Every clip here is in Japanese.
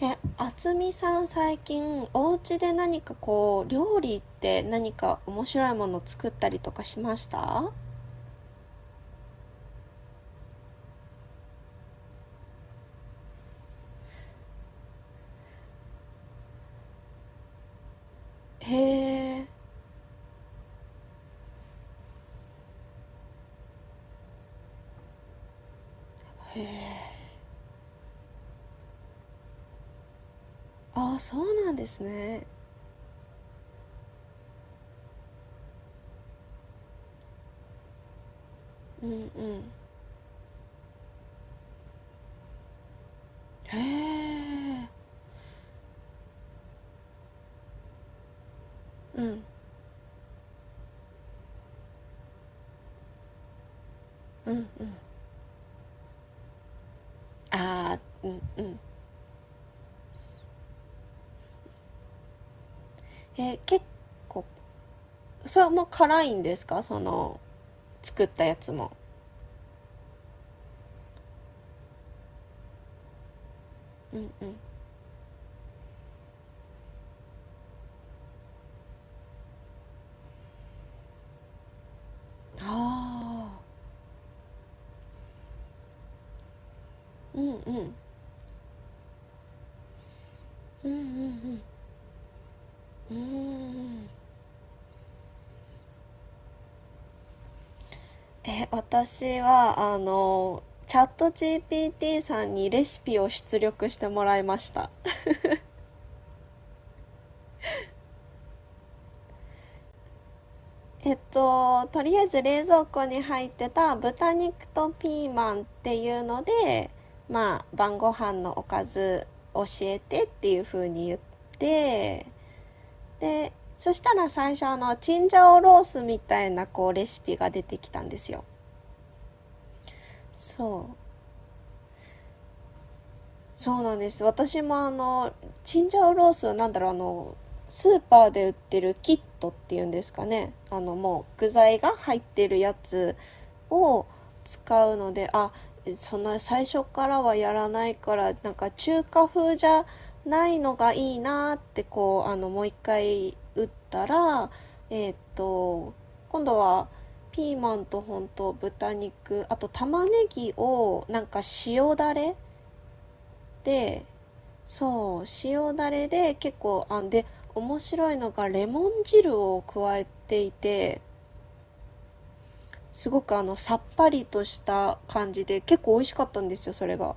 あつみさん、最近お家で何かこう料理って何か面白いもの作ったりとかしました？へえ、へえ。ああ、そうなんですね。うんうん。へえ。うんうんうん。ああ、うんうん。え、結構、それも辛いんですか？その作ったやつも。うんうん。ああ、うんうん。うんうんうん。うーん。私は、チャット GPT さんにレシピを出力してもらいました。とりあえず冷蔵庫に入ってた豚肉とピーマンっていうので、まあ、晩ご飯のおかず教えてっていう風に言って、で、そしたら最初チンジャオロースみたいなこうレシピが出てきたんですよ。そう。そうなんです。私もチンジャオロースは、なんだろう、あのスーパーで売ってるキットっていうんですかね。あのもう具材が入ってるやつを使うので、あ、そんな最初からはやらないから、なんか中華風じゃないのがいいなって、こう、あのもう一回打ったら、えーっと今度はピーマンと、ほんと豚肉、あと玉ねぎをなんか塩だれで、そう、塩だれで結構、あ、で、面白いのがレモン汁を加えていて、すごくあの、さっぱりとした感じで、結構美味しかったんですよ、それが。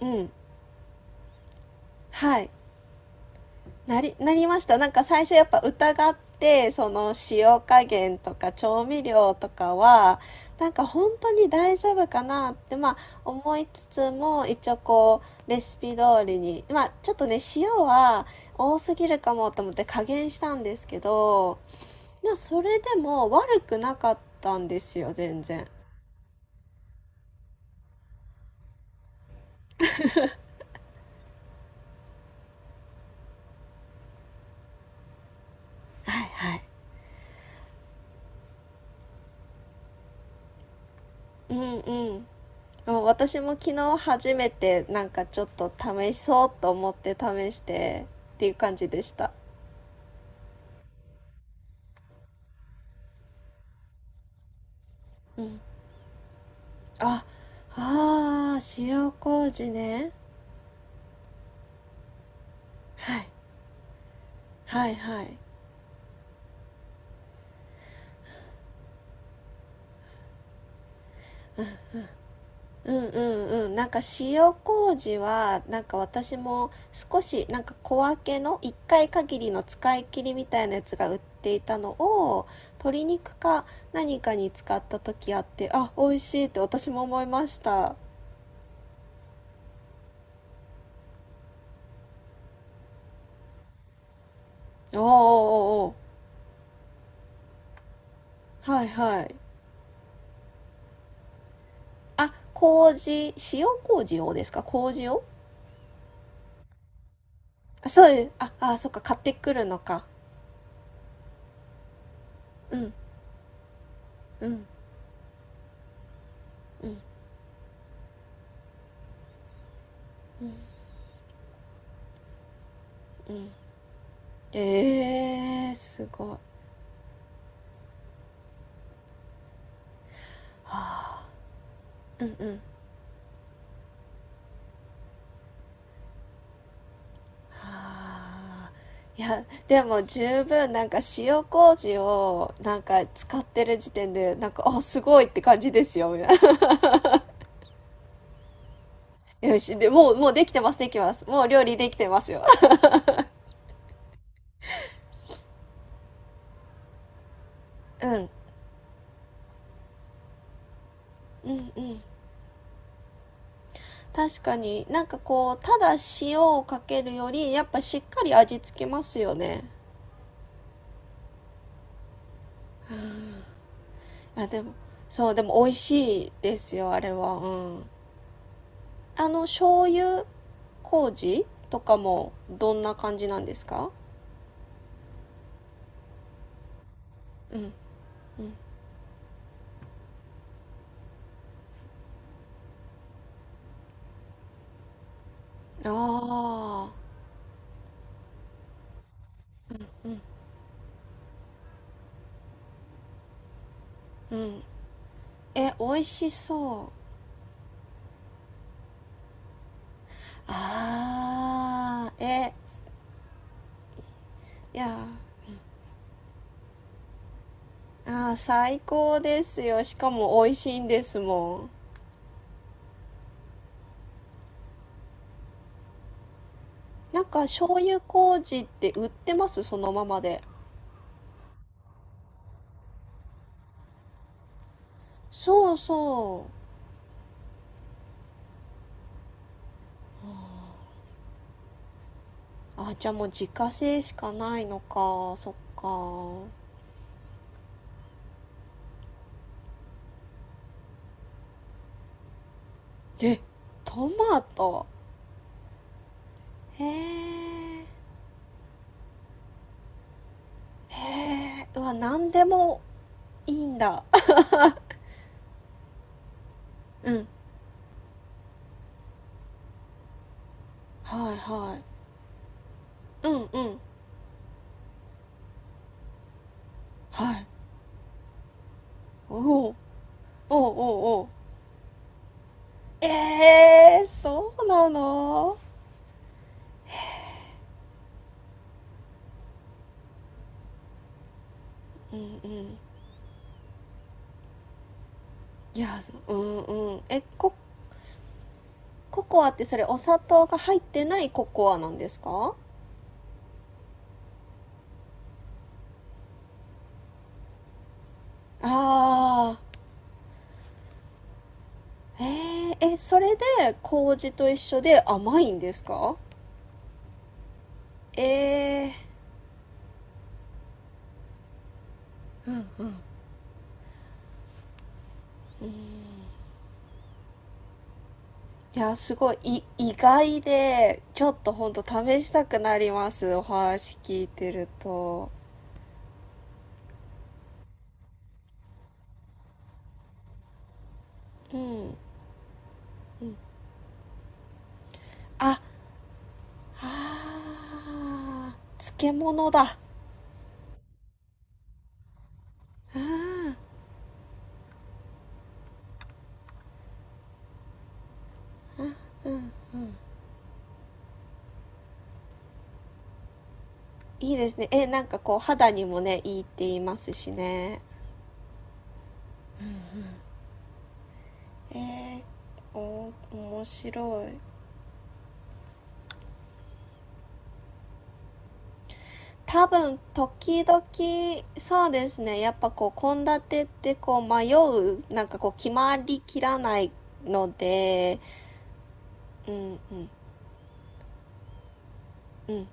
うん。はい。なりました。なんか最初やっぱ疑って、その塩加減とか調味料とかは、なんか本当に大丈夫かなって、まあ、思いつつも、一応こう、レシピ通りに、まあ、ちょっとね、塩は多すぎるかもと思って加減したんですけど、まあ、それでも悪くなかったんですよ、全然。はいはい。うんうん。もう私も昨日初めてなんかちょっと試そうと思って試してっていう感じでした。うん。あ、ああ塩麹ね。はい。はいはい。うんうんうん。なんか塩麹は、なんか私も少しなんか小分けの1回限りの使い切りみたいなやつが売っていたのを鶏肉か何かに使った時あって、あ、美味しいって私も思いました。おーおーおーおー。はいはい。あ、麹、塩麹をですか？麹を。あ、そうです。そっか、買ってくるのか。うん、うん、うん、うん、うん。えー、すごい。はあ、うんうん。はあ。いや、でも十分なんか塩麹をなんか使ってる時点で、なんか、あ、すごいって感じですよ。みたいな。よし、で、もうできてます、できます。もう料理できてますよ。うん、うん、うん。確かに、なんかこうただ塩をかけるよりやっぱしっかり味付けますよね。あでも、そう、でも美味しいですよ、あれは。うん。あの醤油麹とかもどんな感じなんですか？うん。ああー。うん。え、美味しそう。ああー。え。いやー。あー、最高ですよ。しかも美味しいんですもん。なんか醤油麹って売ってますそのままで？そうそう。あ、じゃあもう自家製しかないのか。そっか。え、トマト。へえ。へえ。うわ、なんでもいいんだ。うん。はいはい。うんうん。はい。おお。おおおお。ええー、そうなの？うんうん。いや、そうんうん。ココアってそれお砂糖が入ってないココアなんですか？ああ。へえ、え、それで麹と一緒で甘いんですか？ええ、うんうん。いや、すごい、意外で、ちょっとほんと試したくなります。お話聞いてると。うん、うん。あ、あー、漬物だ。ああ、うんうん。いいですね。え、なんかこう肌にもね、いいって言いますしね。えー、お、面白い。多分時々、そうですね、やっぱこう献立ってこう迷う、なんかこう決まりきらないので。うんうんうん。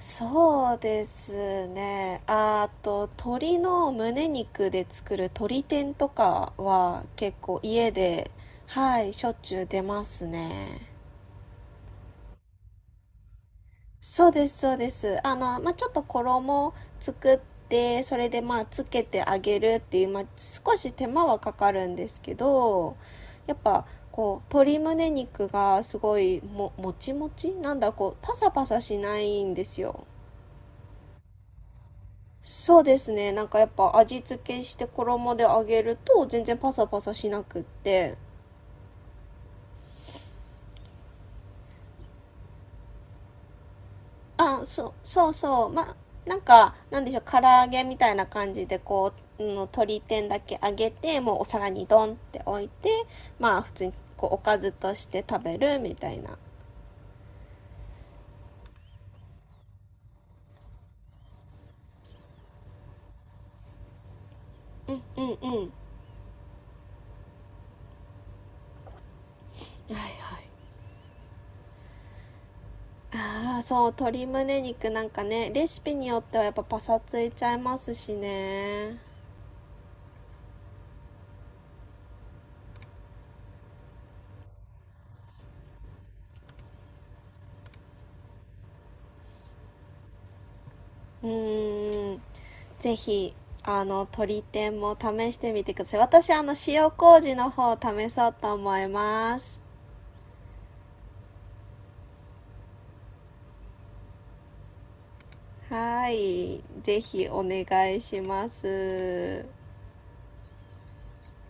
そうですね。ああと、鶏の胸肉で作る鶏天とかは結構家ではいしょっちゅう出ますね。そうです、そうです。あの、まあ、ちょっと衣を作って、それでまあつけてあげるっていう、まあ、少し手間はかかるんですけど、やっぱこう鶏胸肉がすごいもちもちなんだ、こうパサパサしないんですよ。そうですね。なんかやっぱ味付けして衣で揚げると全然パサパサしなくって。あ、そうそうそう。まあ、なんか、なんでしょう、唐揚げみたいな感じでこう、うん、鶏天だけ揚げて、もうお皿にドンって置いて、まあ普通にこうおかずとして食べるみたいな。うんうんうん。はいはい。ああ、そう、鶏胸肉なんかね、レシピによってはやっぱパサついちゃいますしね。うーん。ぜひあの鶏天も試してみてください。私あの塩麹の方試そうと思います。はい、ぜひお願いします。